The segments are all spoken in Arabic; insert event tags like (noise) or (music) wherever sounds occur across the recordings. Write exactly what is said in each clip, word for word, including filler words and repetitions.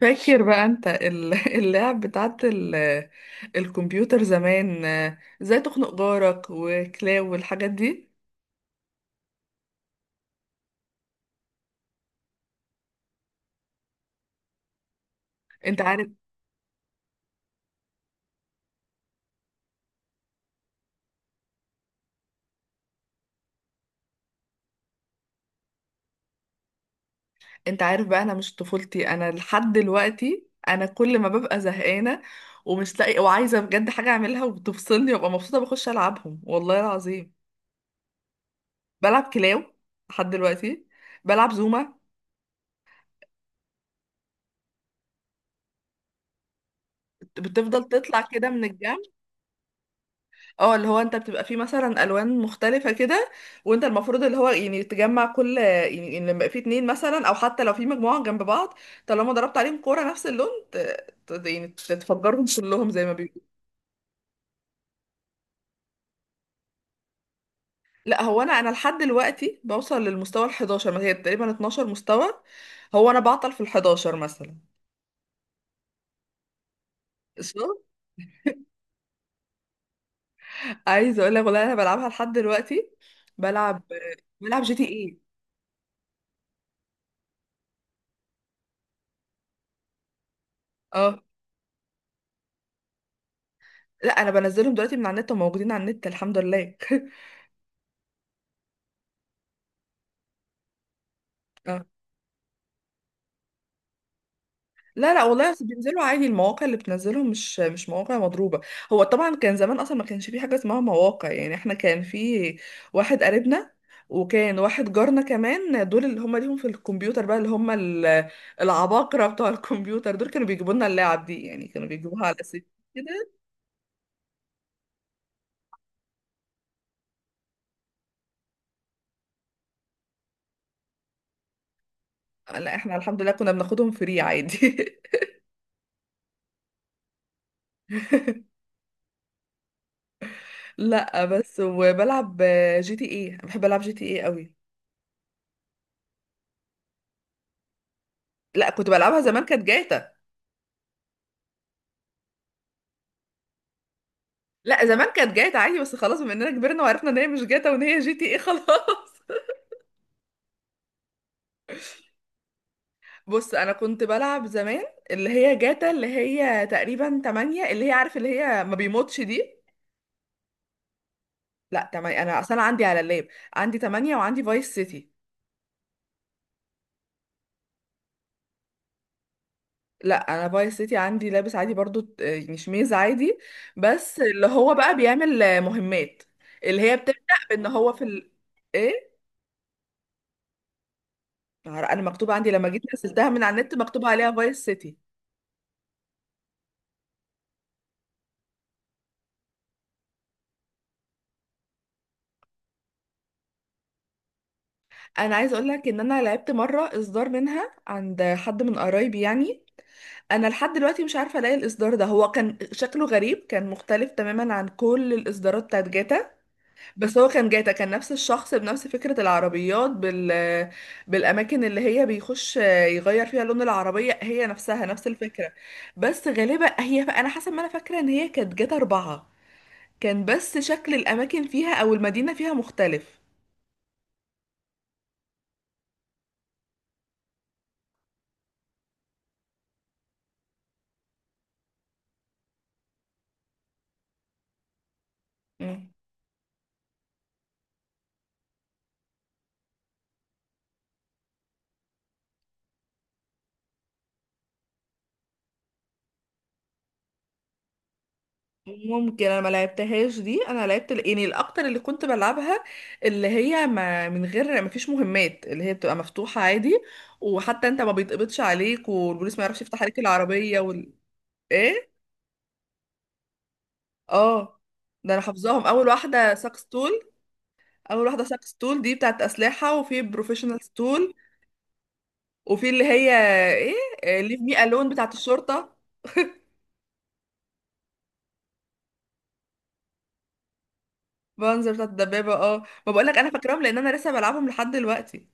فاكر بقى انت ال- (laughs) اللعب بتاعت ال- الكمبيوتر زمان، آه، ازاي تخنق جارك وكلاو والحاجات دي. انت عارف انت عارف بقى، انا مش طفولتي، انا لحد دلوقتي انا كل ما ببقى زهقانه ومش لاقي وعايزه بجد حاجه اعملها وبتفصلني وابقى مبسوطه بخش العبهم والله العظيم. بلعب كلاو لحد دلوقتي، بلعب زوما بتفضل تطلع كده من الجنب. اه، اللي هو انت بتبقى فيه مثلا الوان مختلفه كده، وانت المفروض اللي هو يعني تجمع كل يعني يعني لما يبقى فيه اتنين مثلا او حتى لو في مجموعه جنب بعض، طالما ضربت عليهم كوره نفس اللون ت... ت- يعني تفجرهم كلهم زي ما بيقولوا. لا هو انا انا لحد دلوقتي بوصل للمستوى ال حداشر، ما هي تقريبا اتناشر مستوى. هو انا بعطل في ال حداشر مثلا. قشطة؟ عايزه اقول لك والله انا بلعبها لحد دلوقتي، بلعب بلعب جي تي ايه. اه. لا انا بنزلهم دلوقتي من على النت وموجودين على النت الحمد لله. (laughs) لا لا، والله أصل بينزلوا عادي، المواقع اللي بتنزلهم مش مش مواقع مضروبة. هو طبعا كان زمان اصلا ما كانش في حاجة اسمها مواقع، يعني احنا كان في واحد قريبنا، وكان واحد جارنا كمان، دول اللي هم ليهم في الكمبيوتر بقى، اللي هم ال- العباقرة بتوع الكمبيوتر دول، كانوا بيجيبوا لنا اللعب دي، يعني كانوا بيجيبوها على اساس كده. لا احنا الحمد لله كنا بناخدهم فري عادي. (laughs) لا بس، وبلعب جي تي ايه، بحب العب جي تي ايه قوي. لا كنت بلعبها زمان كانت جاتا. لا زمان كانت جاتا عادي، بس خلاص بما اننا كبرنا وعرفنا ان هي مش جاتا وان هي جي تي ايه، خلاص. (laughs) بص، انا كنت بلعب زمان اللي هي جاتا، اللي هي تقريبا تمانية، اللي هي عارف اللي هي ما بيموتش دي. لا تمام، انا اصلا عندي على اللاب، عندي تمانية وعندي فايس سيتي. لا انا فايس سيتي عندي لابس عادي برضو، ت- يعني شميز عادي، بس اللي هو بقى بيعمل مهمات، اللي هي بتبدأ بان هو في ال... ايه. انا مكتوب عندي لما جيت نزلتها من على النت مكتوب عليها فايس سيتي. انا عايزه اقول لك ان انا لعبت مره اصدار منها عند حد من قرايبي يعني، انا لحد دلوقتي مش عارفه الاقي الاصدار ده. هو كان شكله غريب، كان مختلف تماما عن كل الاصدارات بتاعت جاتا، بس هو كان جاتا، كان نفس الشخص بنفس فكره العربيات بال بالاماكن اللي هي بيخش يغير فيها لون العربيه، هي نفسها نفس الفكره. بس غالبا هي، انا حسب ما انا فاكره ان هي كانت جاتا أربعة، كان بس شكل الاماكن فيها او المدينه فيها مختلف. ممكن انا ما لعبتهاش دي، انا لعبت ال- يعني الاكتر اللي كنت بلعبها اللي هي، ما من غير ما فيش مهمات، اللي هي بتبقى مفتوحة عادي، وحتى انت ما بيتقبضش عليك، والبوليس ما يعرفش يفتح عليك العربية وال. ايه. اه، ده انا حافظاهم. اول واحدة ساكستول، اول واحدة ساكستول دي بتاعت اسلحة، وفي بروفيشنال ستول، وفي اللي هي ايه، ليف مي الون بتاعت الشرطة. بانزر بتاعت الدبابة، اه. ما بقولك انا فاكراهم لان انا لسه بلعبهم لحد دلوقتي.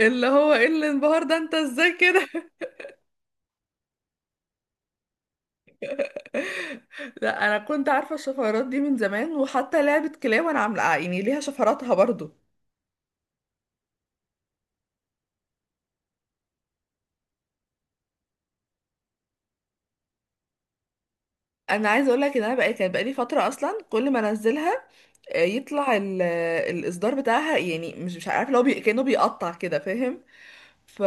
اللي هو ايه اللي انبهر، ده انت ازاي كده. (laughs) لا انا كنت عارفه الشفرات دي من زمان، وحتى لعبه كلاب انا عامله، آه، يعني ليها شفراتها برضو. انا عايزه اقول لك ان انا بقى كان بقالي فتره اصلا كل ما انزلها آه، يطلع ال... آه، الاصدار بتاعها، يعني مش مش عارفه اللي هو بي... كانه بيقطع كده، فاهم؟ ف...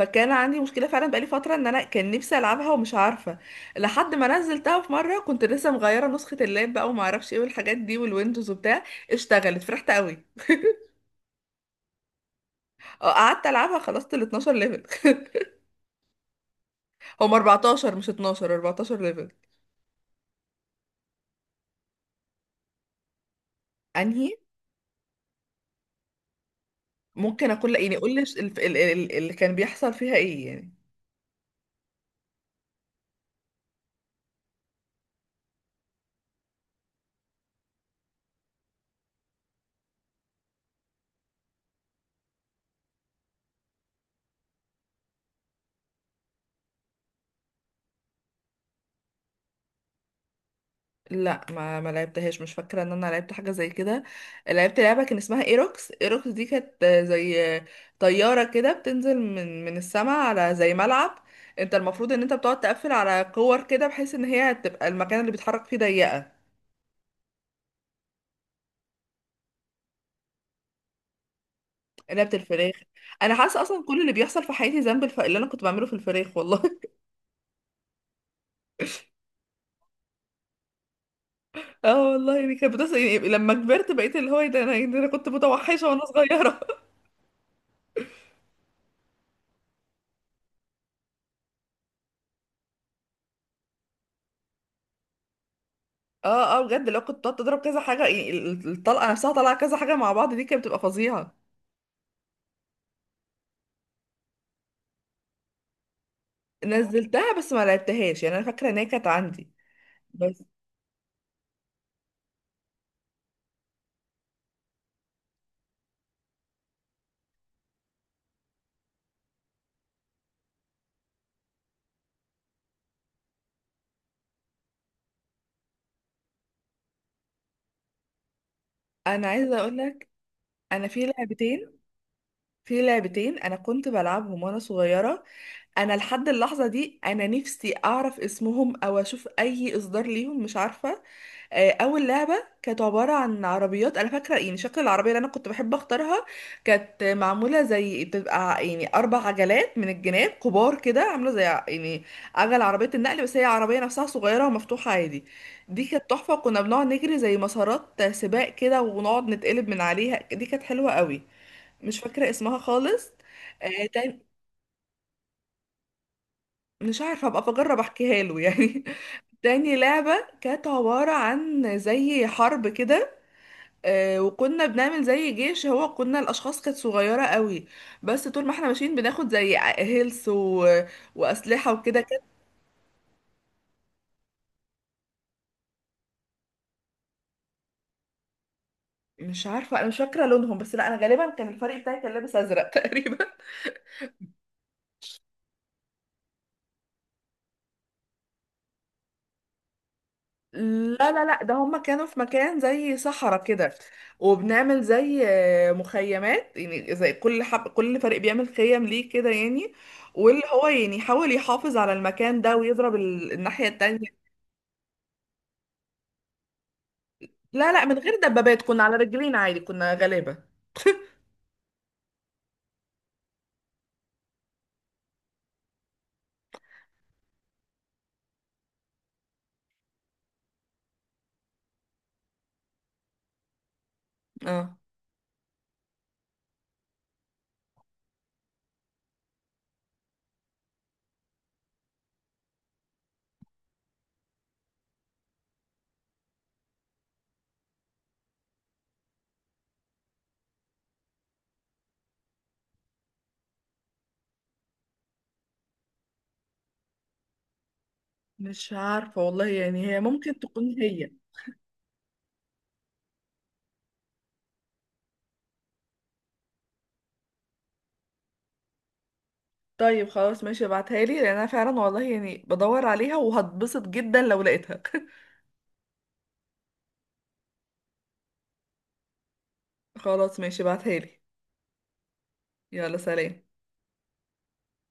فكان عندي مشكله فعلا بقالي فتره ان انا كان نفسي العبها ومش عارفه، لحد ما نزلتها في مره، كنت لسه مغيره نسخه اللاب بقى وما اعرفش ايه والحاجات دي والويندوز وبتاع، اشتغلت فرحت قوي. اه قعدت العبها، خلصت ال اثنا عشر ليفل. (laughs) هم اربعتاشر مش اتناشر، اربعتاشر ليفل. انهي؟ ممكن اكون، لا يعني قول لي الف- ال- ال- ال- اللي كان بيحصل فيها ايه يعني. لا ما ما لعبتهاش، مش فاكره ان انا لعبت حاجه زي كده. لعبت لعبه كان اسمها ايروكس، ايروكس دي كانت زي طياره كده بتنزل من من السماء على زي ملعب، انت المفروض ان انت بتقعد تقفل على كور كده بحيث ان هي تبقى المكان اللي بيتحرك فيه ضيقه. لعبه الفراخ، انا حاسه اصلا كل اللي بيحصل في حياتي ذنب الف... اللي انا كنت بعمله في الفراخ والله. اه والله يعني كانت بتصل، يعني لما كبرت بقيت اللي هو ايه، ده انا يعني، ده انا كنت متوحشه وانا صغيره. (laughs) اه اه، بجد لو كنت بتقعد تضرب كذا حاجه، يعني ال- الطلقه نفسها طالعه كذا حاجه مع بعض، دي كانت بتبقى فظيعه. نزلتها بس ما لعبتهاش، يعني انا فاكره ان هي كانت عندي بس. انا عايزه اقول لك، انا في لعبتين، في لعبتين انا كنت بلعبهم وانا صغيره، انا لحد اللحظه دي انا نفسي اعرف اسمهم او اشوف اي اصدار ليهم، مش عارفه. آه، اول لعبه كانت عباره عن عربيات، انا فاكره يعني شكل العربيه اللي انا كنت بحب اختارها، كانت معموله زي بتبقى ع- يعني اربع عجلات من الجناب كبار كده، عامله زي ع- يعني عجل عربيه النقل، بس هي عربيه نفسها صغيره ومفتوحه عادي. دي كانت تحفه، كنا بنقعد نجري زي مسارات سباق كده ونقعد نتقلب من عليها، دي كانت حلوه قوي. مش فاكره اسمها خالص. آه، تاني. مش عارفه ابقى بجرب احكيها له يعني. (laughs) تاني لعبه كانت عباره عن زي حرب كده، آه، وكنا بنعمل زي جيش، هو كنا الاشخاص كانت صغيره قوي، بس طول ما احنا ماشيين بناخد زي هيلث و... واسلحه وكده، كانت. مش عارفه، انا مش فاكره لونهم، بس لا انا غالبا كان الفريق بتاعي كان لابس ازرق (laughs) تقريبا. لا لا لا، ده هما كانوا في مكان زي صحراء كده، وبنعمل زي آه، مخيمات، يعني زي كل حب كل فريق بيعمل خيم ليه كده يعني، واللي هو يعني يحاول يحافظ على المكان ده ويضرب ال... الناحيه التانيه. لا لا، من غير دبابات، كنا على رجلين عادي، كنا غلابه. اه. مش عارفة والله يعني، هي ممكن تكون هي. طيب خلاص ماشي ابعتها لي، لان انا فعلا والله يعني بدور عليها، وهتبسط جدا لو لقيتها. (laughs) خلاص ماشي ابعتها لي. يلا سلام.